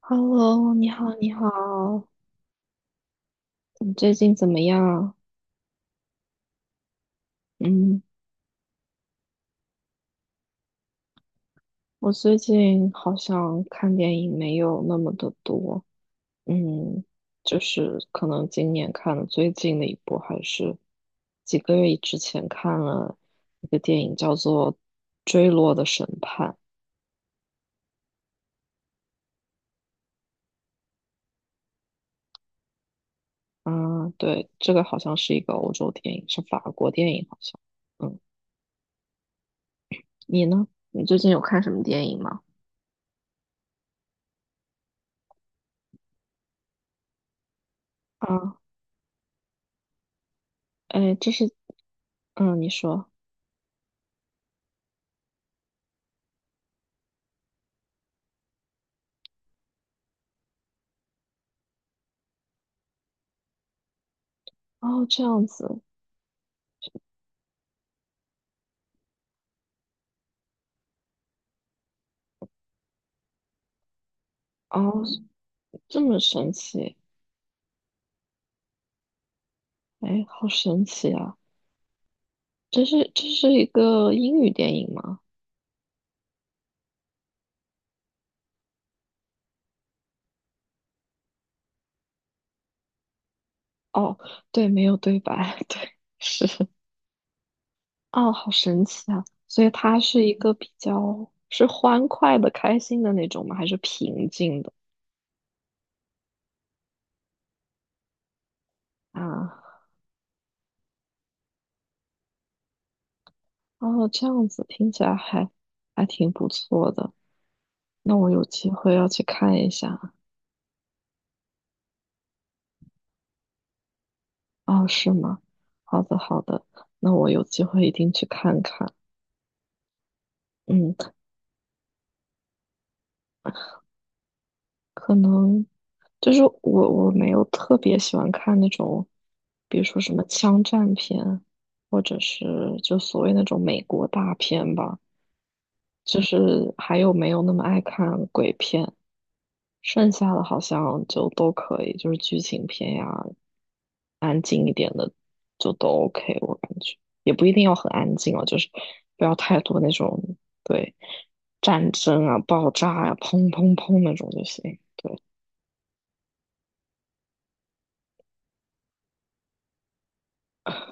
Hello，你好，你好，你最近怎么样？嗯，我最近好像看电影没有那么的多。嗯，可能今年看的最近的一部，还是几个月之前看了一个电影，叫做《坠落的审判》。啊，对，这个好像是一个欧洲电影，是法国电影，好像。嗯，你呢？你最近有看什么电影吗？啊，哎，这是，嗯，你说。哦，这样子。哦，这么神奇，哎，好神奇啊！这是一个英语电影吗？哦，对，没有对白，对，是。哦，好神奇啊！所以它是一个比较是欢快的、开心的那种吗？还是平静的啊？哦，这样子听起来还挺不错的。那我有机会要去看一下。哦，是吗？好的，好的，那我有机会一定去看看。嗯。可能我没有特别喜欢看那种，比如说什么枪战片，或者是就所谓那种美国大片吧，就是还有没有那么爱看鬼片。剩下的好像就都可以，就是剧情片呀，安静一点的就都 OK。我感觉也不一定要很安静哦，就是不要太多那种对战争啊、爆炸呀、砰砰砰那种就行。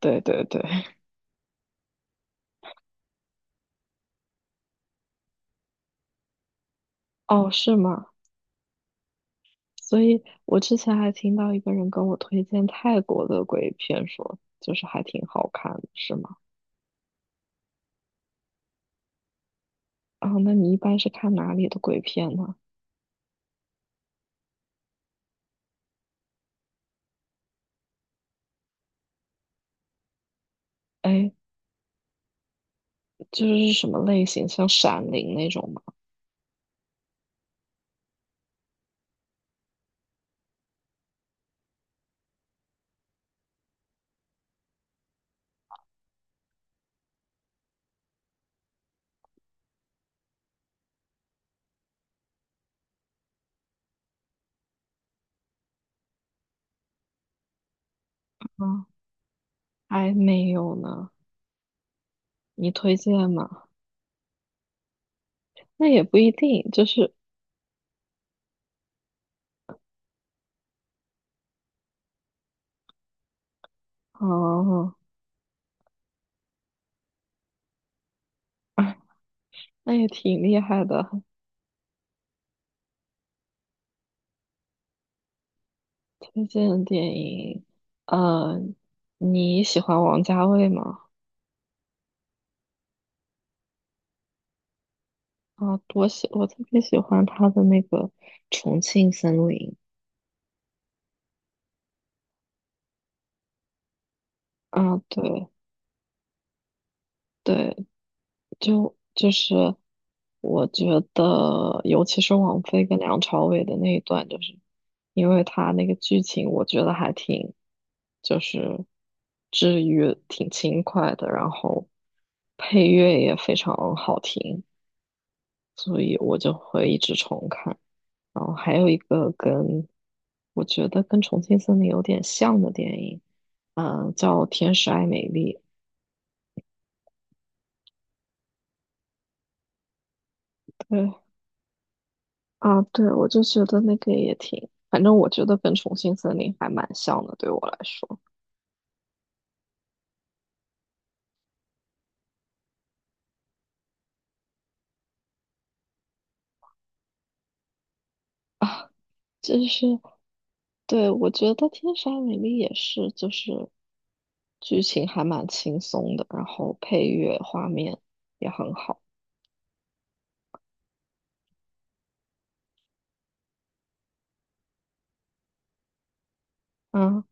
对对对。哦，是吗？所以我之前还听到一个人跟我推荐泰国的鬼片说，就是还挺好看的，是吗？啊，那你一般是看哪里的鬼片呢？哎，就是什么类型，像《闪灵》那种吗？啊，还没有呢。你推荐吗？那也不一定，就是哦，啊，那也挺厉害的。推荐的电影，呃，你喜欢王家卫吗？啊，我特别喜欢他的那个重庆森林。啊，对对，就是我觉得，尤其是王菲跟梁朝伟的那一段，就是因为他那个剧情，我觉得还挺就是治愈、挺轻快的，然后配乐也非常好听，所以我就会一直重看。然后还有一个跟我觉得跟《重庆森林》有点像的电影，嗯、叫《天使爱美丽》。对啊，对，我就觉得那个也挺，反正我觉得跟《重庆森林》还蛮像的，对我来说，就是对我觉得《天使爱美丽》也是，就是剧情还蛮轻松的，然后配乐、画面也很好。嗯，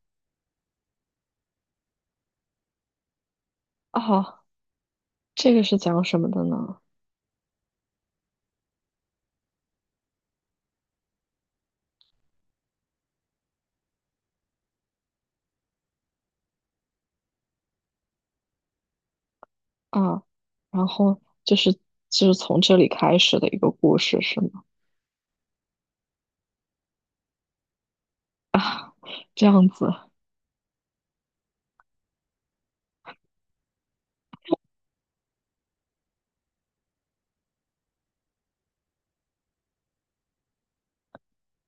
啊，这个是讲什么的呢？啊，然后就是从这里开始的一个故事是吗？这样子。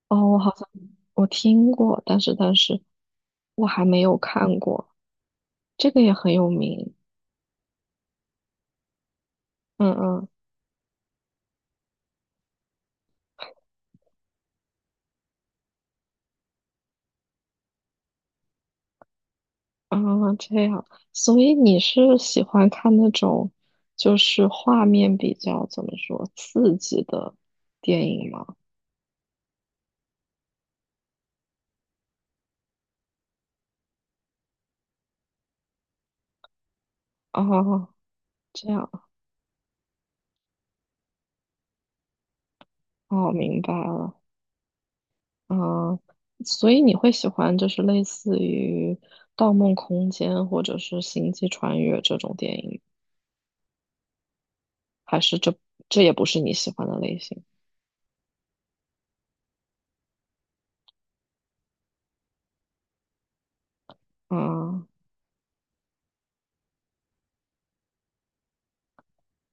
哦，我好像我听过，但是我还没有看过，这个也很有名。嗯嗯啊，这样，所以你是喜欢看那种就是画面比较怎么说刺激的电影吗？哦，这样，哦，明白了。嗯，所以你会喜欢就是类似于《盗梦空间》或者是《星际穿越》这种电影，还是这也不是你喜欢的类型？啊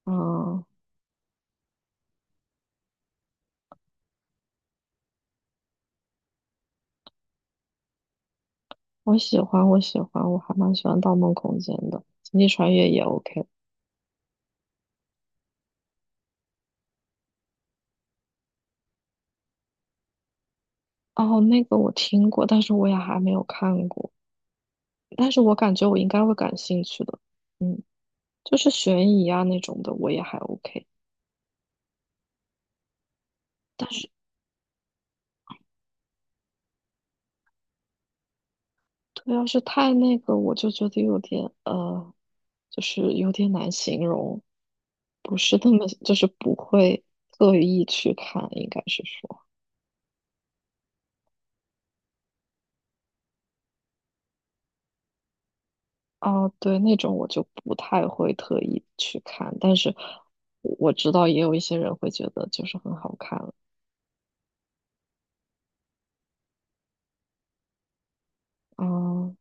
啊，我喜欢，我喜欢，我还蛮喜欢《盗梦空间》的，《星际穿越》也 OK。哦，那个我听过，但是我也还没有看过，但是我感觉我应该会感兴趣的。嗯，就是悬疑啊那种的，我也还 OK。但是。对，要是太那个，我就觉得有点就是有点难形容，不是那么，就是不会特意去看，应该是说。哦，对，那种我就不太会特意去看，但是我知道也有一些人会觉得就是很好看啊。嗯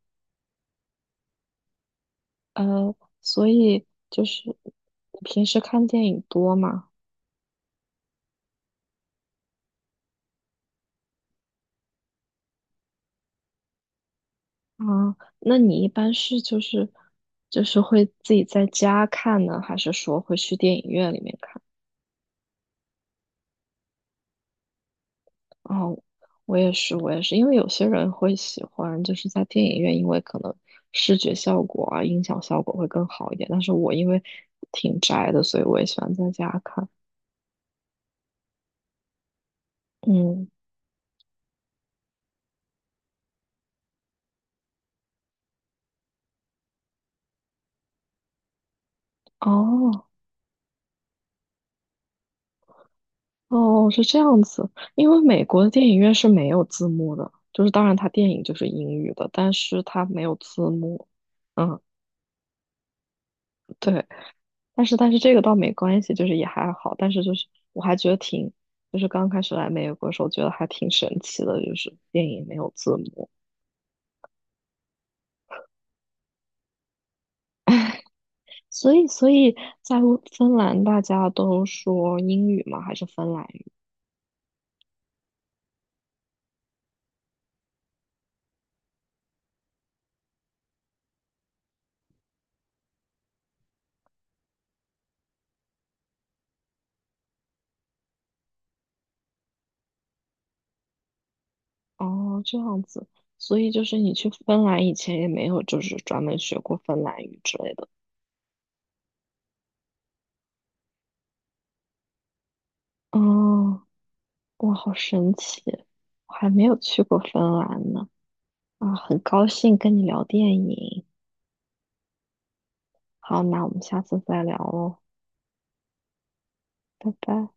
呃，所以就是你平时看电影多吗？啊，那你一般是就是会自己在家看呢，还是说会去电影院里面看？哦，我也是，我也是，因为有些人会喜欢就是在电影院，因为可能视觉效果啊、音响效果会更好一点。但是我因为挺宅的，所以我也喜欢在家看。嗯，哦哦，是这样子，因为美国的电影院是没有字幕的，就是当然它电影就是英语的，但是它没有字幕。嗯，对。但是这个倒没关系，就是也还好。但是我还觉得挺，就是刚开始来美国的时候，觉得还挺神奇的，就是电影没有字幕。所以在乌芬兰大家都说英语吗？还是芬兰语？哦，这样子。所以就是你去芬兰以前也没有就是专门学过芬兰语之类的。哦，哇，好神奇！我还没有去过芬兰呢。啊，很高兴跟你聊电影。好，那我们下次再聊喽，拜拜。